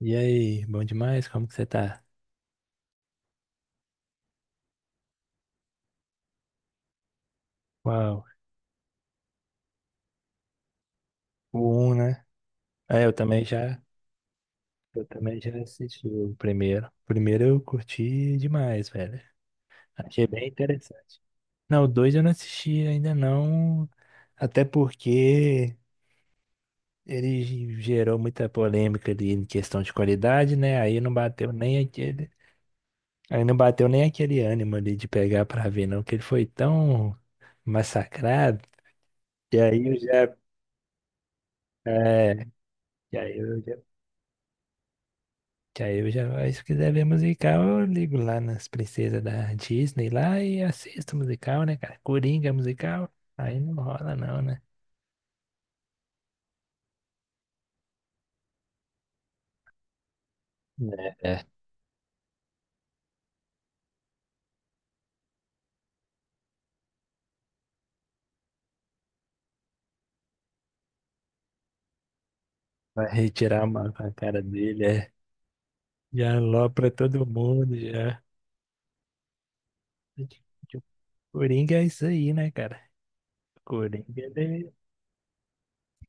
E aí, bom demais? Como que você tá? Uau, o um, né? É, eu também já assisti o primeiro. O primeiro eu curti demais, velho. Achei bem interessante. Não, o 2 eu não assisti ainda não, até porque ele gerou muita polêmica ali em questão de qualidade, né? Aí não bateu nem aquele ânimo ali de pegar pra ver, não, que ele foi tão massacrado. E aí eu já, é, e aí eu já Que aí eu já, aí se quiser ver musical, eu ligo lá nas princesas da Disney lá e assisto musical, né, cara? Coringa é musical, aí não rola não, né? É, é. Vai retirar uma com a cara dele, é. Já alopra todo mundo, já. O Coringa é isso aí, né, cara? O Coringa, ele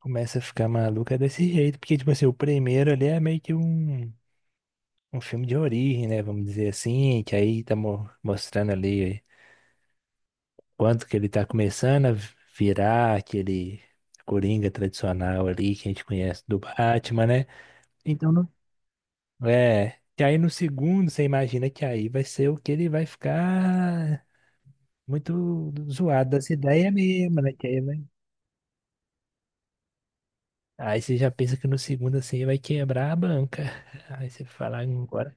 começa a ficar maluca desse jeito, porque, tipo assim, o primeiro ali é meio que um filme de origem, né, vamos dizer assim, que aí tá mostrando ali quanto que ele tá começando a virar aquele Coringa tradicional ali que a gente conhece do Batman, né? Então, não- é. E aí no segundo, você imagina que aí vai ser o que ele vai ficar muito zoado das ideias mesmo, né? Aí você já pensa que no segundo assim vai quebrar a banca. Aí você fala agora.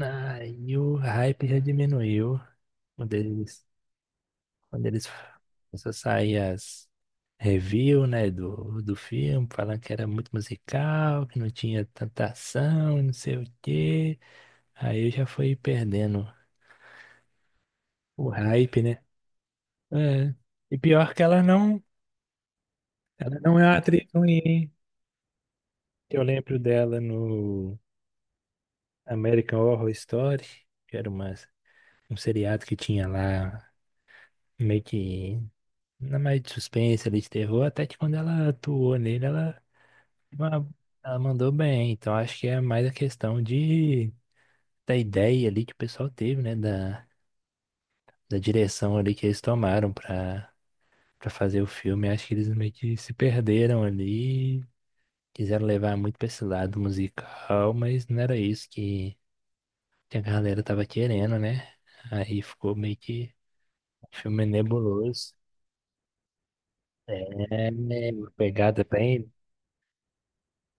Aí o hype já diminuiu. Um deles Quando eles começou a sair as review, né, do filme, falando que era muito musical, que não tinha tanta ação, não sei o quê. Aí eu já fui perdendo o hype, né? É. E pior que ela não é uma atriz ruim, hein? Eu lembro dela no American Horror Story, que era um seriado que tinha lá meio que na mais de suspense ali de terror, até que quando ela atuou nele, ela... Mas ela mandou bem, então acho que é mais a questão de da ideia ali que o pessoal teve, né? Da direção ali que eles tomaram pra fazer o filme. Acho que eles meio que se perderam ali, quiseram levar muito pra esse lado musical, mas não era isso que a galera tava querendo, né? Aí ficou meio que um filme nebuloso. É, né, uma pegada bem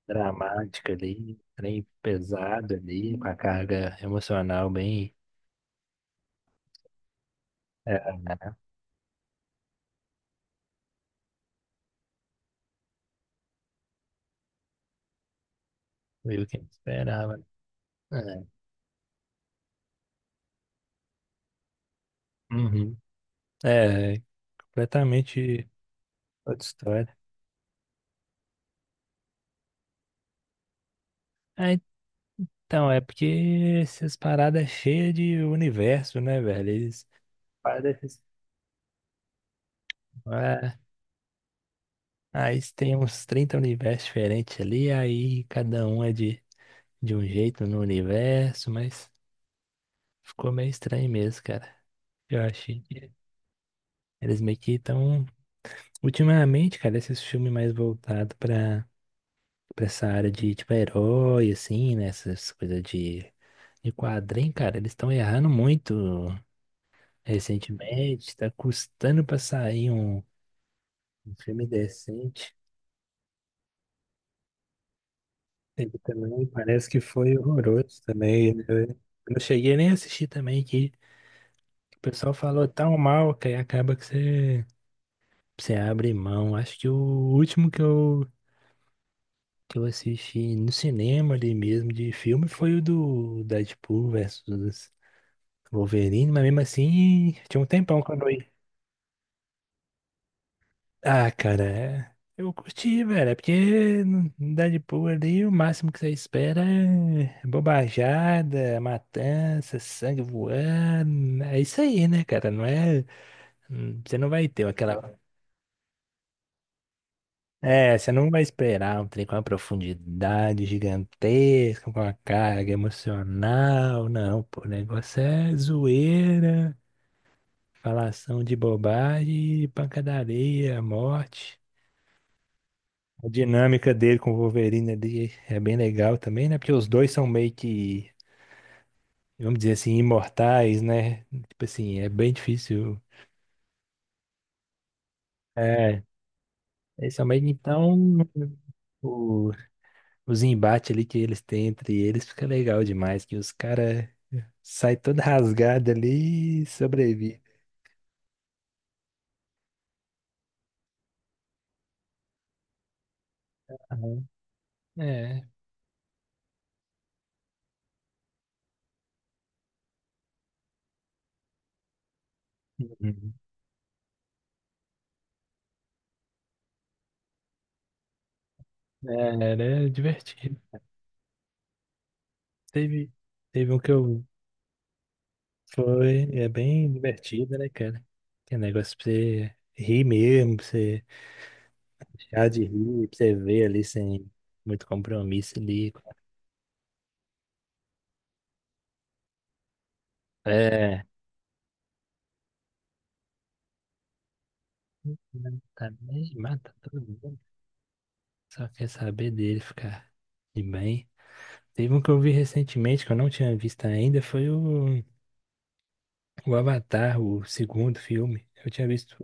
dramática ali, bem pesado ali, com a carga emocional bem. É, viu quem esperava. É. Uhum. É, completamente outra história. Ah, então, é porque essas paradas cheias de universo, né, velho? Eles paradas esses é, aí tem uns trinta universos diferentes ali, aí cada um é de um jeito no universo, mas ficou meio estranho mesmo, cara. Eu achei que eles meio que estão. Ultimamente, cara, esses filmes mais voltados pra essa área de, tipo, herói, assim, né? Essas coisas de quadrinho, cara, eles estão errando muito recentemente, tá custando pra sair um filme decente. Ele também parece que foi horroroso também. Eu não cheguei nem a assistir também, que o pessoal falou tão mal que aí acaba que você abre mão. Acho que o último que eu assisti no cinema ali mesmo de filme foi o do Deadpool versus Wolverine, mas mesmo assim tinha um tempão quando eu... Ah, cara, eu curti, velho. É porque no Deadpool ali o máximo que você espera é bobajada, matança, sangue voando. É isso aí, né, cara? Não é. Você não vai ter aquela. É, você não vai esperar um trem com uma profundidade gigantesca, com uma carga emocional, não, pô. O negócio é zoeira, falação de bobagem, pancadaria, morte. A dinâmica dele com o Wolverine ali é bem legal também, né? Porque os dois são meio que, vamos dizer assim, imortais, né? Tipo assim, é bem difícil. É, eles são meio. Então, o, os embates ali que eles têm entre eles fica legal demais, que os caras saem todo rasgado ali e sobrevivem. Aham. É. Uhum. É, era divertido. Teve, teve um que eu... Foi, é bem divertida, né, cara? Que é negócio pra você rir mesmo, pra você deixar de rir, pra você ver ali sem muito compromisso ali. É, tá bem, mata todo mundo. Só quer saber dele ficar de bem. Teve um que eu vi recentemente, que eu não tinha visto ainda, foi o Avatar, o segundo filme. Eu tinha visto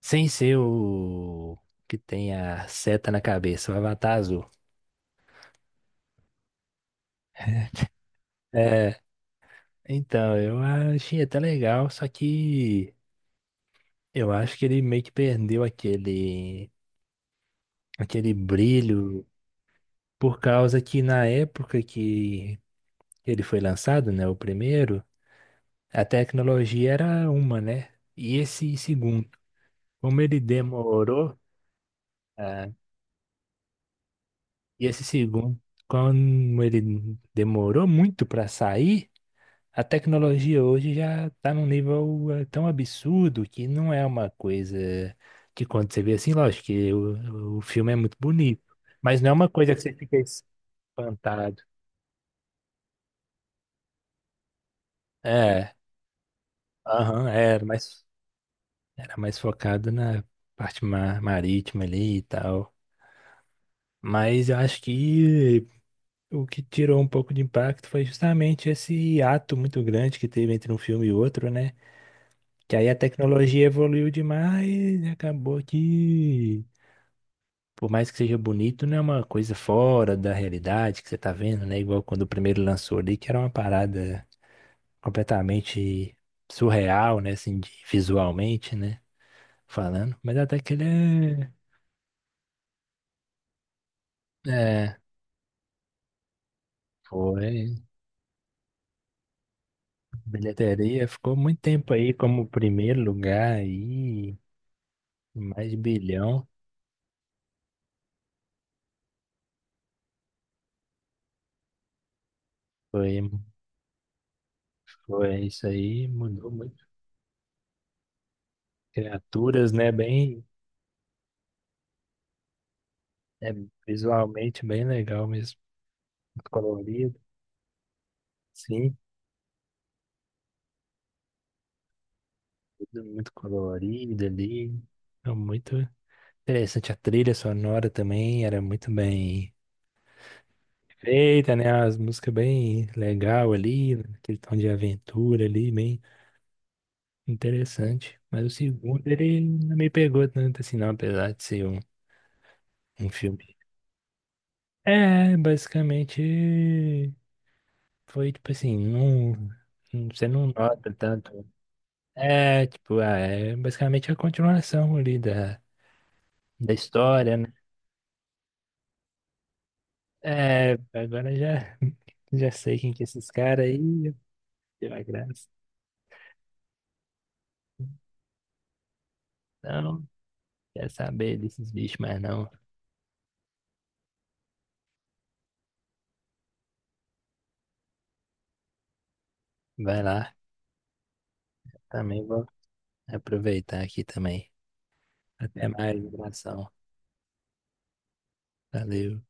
sem ser o que tem a seta na cabeça, o Avatar azul. É então, eu achei até legal, só que eu acho que ele meio que perdeu aquele brilho por causa que na época que ele foi lançado, né, o primeiro, a tecnologia era uma, né? E esse segundo, como ele demorou, ah, e esse segundo, como ele demorou muito para sair, a tecnologia hoje já está num nível tão absurdo que não é uma coisa que quando você vê assim, lógico que o filme é muito bonito, mas não é uma coisa que você fica espantado. É, aham, era mais focado na parte marítima ali e tal. Mas eu acho que o que tirou um pouco de impacto foi justamente esse ato muito grande que teve entre um filme e outro, né? Que aí a tecnologia evoluiu demais e acabou que por mais que seja bonito, não é uma coisa fora da realidade que você tá vendo, né? Igual quando o primeiro lançou ali, que era uma parada completamente surreal, né? Assim, de- visualmente, né? Falando. Mas até que ele é. É, foi. Bilheteria ficou muito tempo aí como primeiro lugar aí, mais de bilhão. Foi, foi isso aí, mudou muito. Criaturas, né? Bem, é, visualmente bem legal mesmo. Colorido. Sim, tudo muito colorido ali. É muito interessante. A trilha sonora também era muito bem feita, né? As músicas bem legal ali, aquele tom de aventura ali, bem interessante. Mas o segundo, ele não me pegou tanto assim, não, apesar de ser um filme. É, basicamente foi tipo assim, não- você não nota tanto. É, tipo, ah, é basicamente a continuação ali da história, né? É, agora já, já sei quem que é esses caras aí. Tira a graça. Não, quer saber desses bichos, mas não. Vai lá. Também vou aproveitar aqui também. Até mais, abração. Valeu.